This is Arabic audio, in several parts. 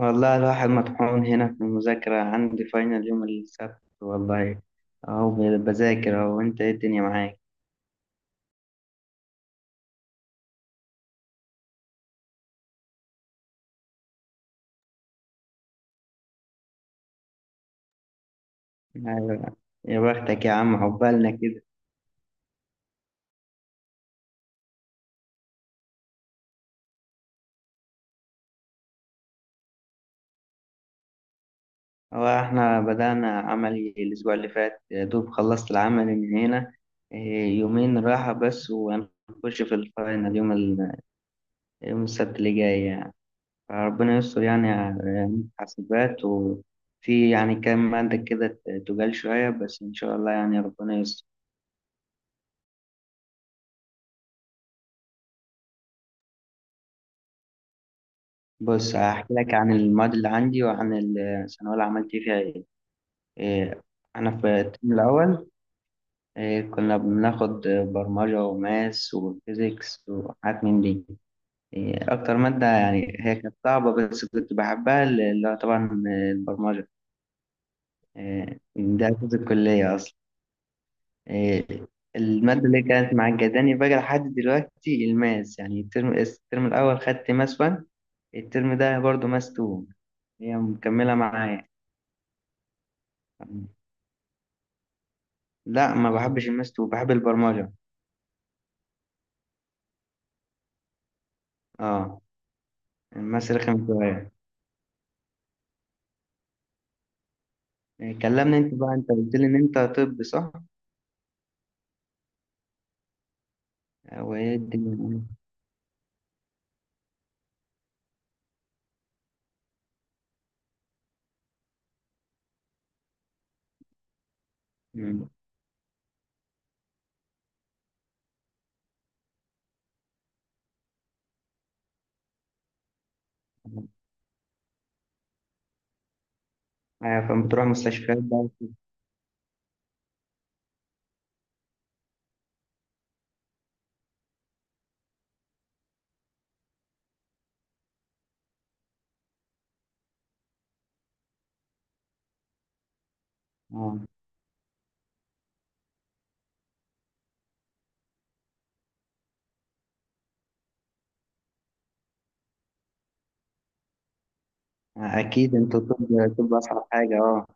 والله الواحد مطحون هنا في المذاكرة، عندي فاينل يوم السبت والله. أهو بذاكر أهو. أنت إيه الدنيا معاك؟ أيوة. يا بختك يا عم، عقبالنا كده. هو إحنا بدأنا عملي الأسبوع اللي فات، يا دوب خلصت العمل من هنا. إيه، يومين راحة بس وهنخش في الفاينل يوم السبت اللي جاي يعني. فربنا يستر يعني على حاسبات، وفي يعني كام مادة كده تجال شوية، بس إن شاء الله يعني ربنا يستر. بص هحكي لك عن المواد اللي عندي وعن الثانوية اللي عملت فيها ايه. إيه، أنا في الترم الأول. إيه، كنا بناخد برمجة وماس وفيزيكس وحاجات من دي. إيه، أكتر مادة يعني هي كانت صعبة بس كنت بحبها اللي هو طبعا البرمجة. إيه، ده أساس الكلية أصلا. إيه، المادة اللي كانت معجباني بقى لحد دلوقتي الماس. يعني الترم الأول خدت ماس 1، الترم ده برضه ماس 2، هي مكملة معايا. لا ما بحبش الماس وبحب البرمجة. اه الماس رخم شوية. يعني كلمني انت بقى، انت قلت لي ان انت طب، صح؟ وايه الدنيا؟ مم. ايوه، فلما بتروح مستشفيات بقى وكده. اه اكيد انت طب. طب اصعب حاجة. اه.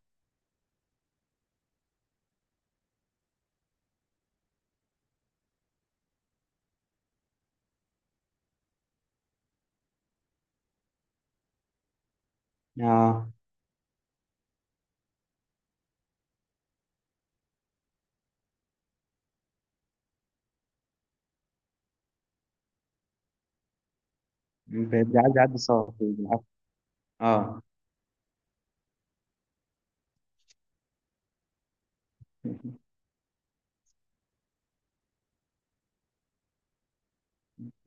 اه بيبقى عايز يعدي صعب بالعافية. اه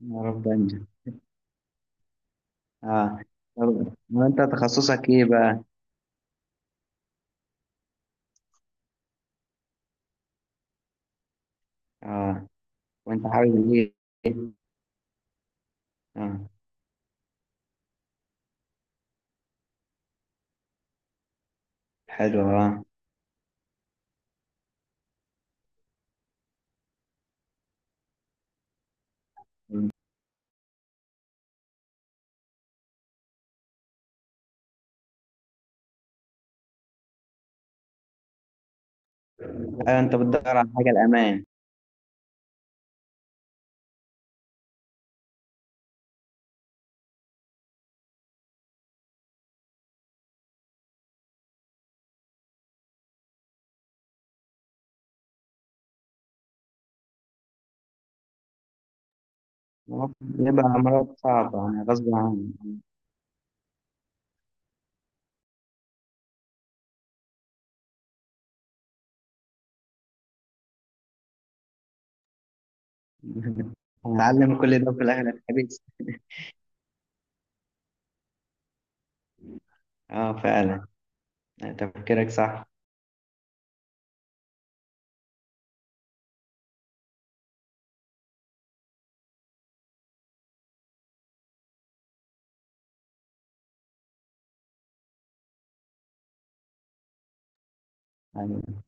يا رب انجح. اه طب وانت تخصصك ايه بقى؟ اه وانت حابب ايه؟ اه. حلو اه. ايوه، انت بتدور على حاجة الامان. بيبقى مرض صعب يعني غصب عني. هنتعلم كل ده في الآخر الحديث. اه فعلا، يعني تفكيرك صح. أيوة.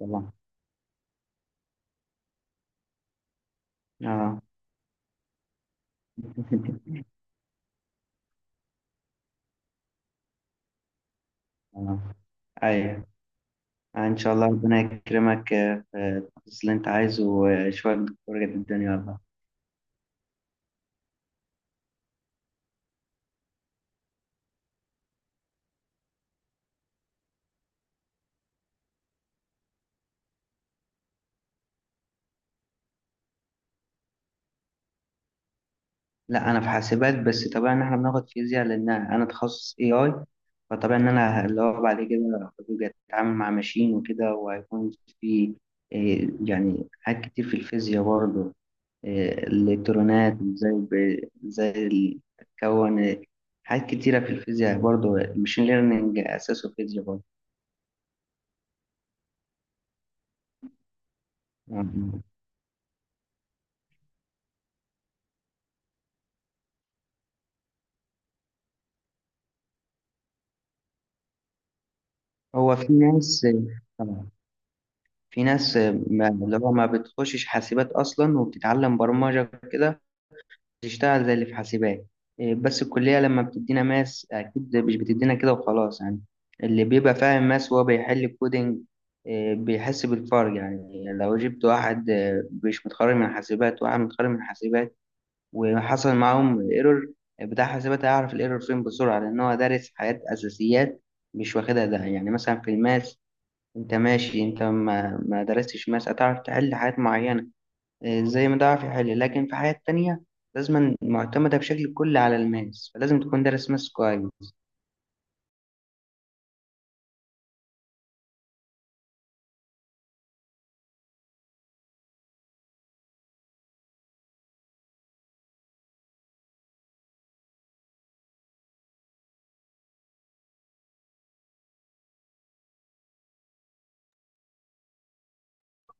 طبعا. اه. آه. ايوه. آه، ان شاء الله ربنا يكرمك آه، في التخصص اللي انت عايزه، وشوية دكتور قد الدنيا والله. لا انا في حاسبات، بس طبعا احنا بناخد فيزياء لان انا تخصص اي اي. فطبعا ان انا اللي هو بعد كده هبقى اتعامل مع ماشين وكده، وهيكون في آه، يعني حاجات كتير في الفيزياء برضه. إيه، الإلكترونات وإزاي إزاي تكون حاجات كتيرة في الفيزياء برضه، المشين ليرنينج أساسه فيزياء برضه. مم. هو في ناس. طبعا. في ناس ما اللي هو ما بتخشش حاسبات أصلا وبتتعلم برمجة كده، تشتغل زي اللي في حاسبات. إيه، بس الكلية لما بتدينا ماس أكيد مش بتدينا كده وخلاص يعني. اللي بيبقى فاهم ماس وهو بيحل الكودينج إيه، بيحس بالفرق. يعني لو جبت واحد إيه، مش متخرج من حاسبات وواحد متخرج من حاسبات وحصل معاهم ايرور، بتاع حاسبات هيعرف الايرور فين بسرعة لأن هو دارس حاجات أساسيات مش واخدها. ده يعني مثلا في الماس، أنت ماشي. أنت ما درستش ماس، هتعرف تحل حاجات معينة آه، زي ما ده في حالي. لكن في حياة تانية لازم معتمدة بشكل كلي على الماس، فلازم تكون دارس ماس كويس.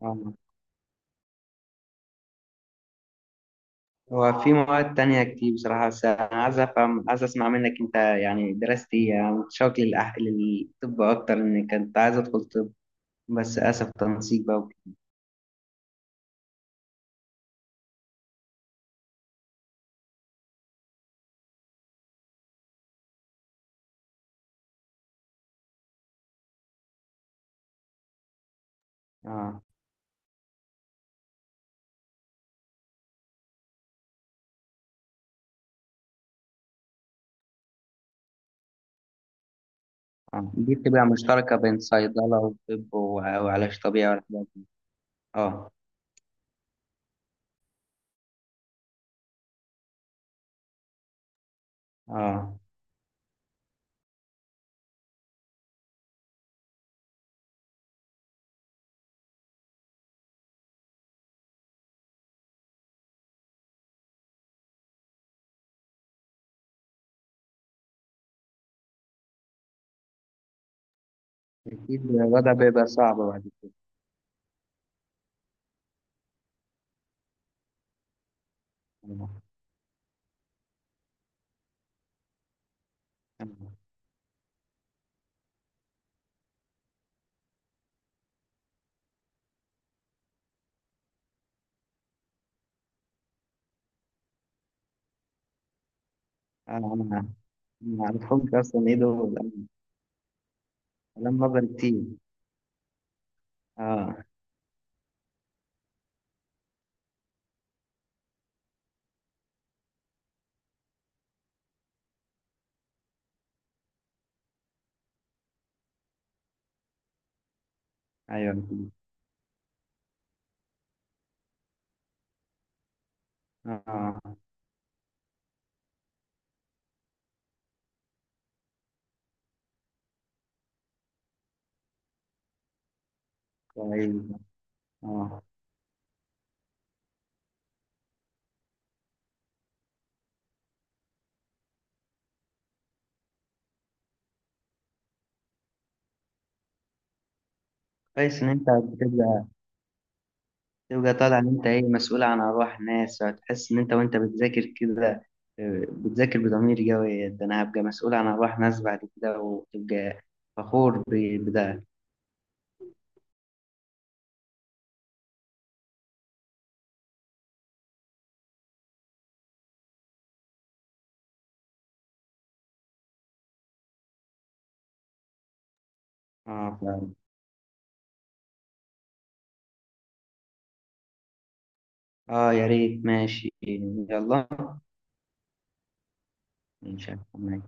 آه. هو في مواد تانية كتير بصراحة، بس أنا عايز أفهم، عايز أسمع منك أنت يعني درست إيه. أنا متشوق للطب أكتر، إن كنت عايز أدخل طب بس للأسف تنسيق بقى وكده. آه. آه، دي بتبقى مشتركة بين صيدلة وطب وعلاج طبيعي والحاجات دي. آه. آه أكيد الوضع بيبقى صعب بعد كده. آه. آه. ما اعرفهمش اصلا ايه دول، كلام نظري كتير. اه. ايوه. اه. كويس. اه كويس ان انت بتبقى تبقى طالع ان انت ايه مسؤول عن ارواح ناس، هتحس ان انت وانت بتذاكر كده آه، بتذاكر بضمير قوي، ده انا هبقى مسؤول عن ارواح ناس بعد كده، وتبقى فخور بده. اه فعلا. اه يا ريت، ماشي يلا. ان شاء الله.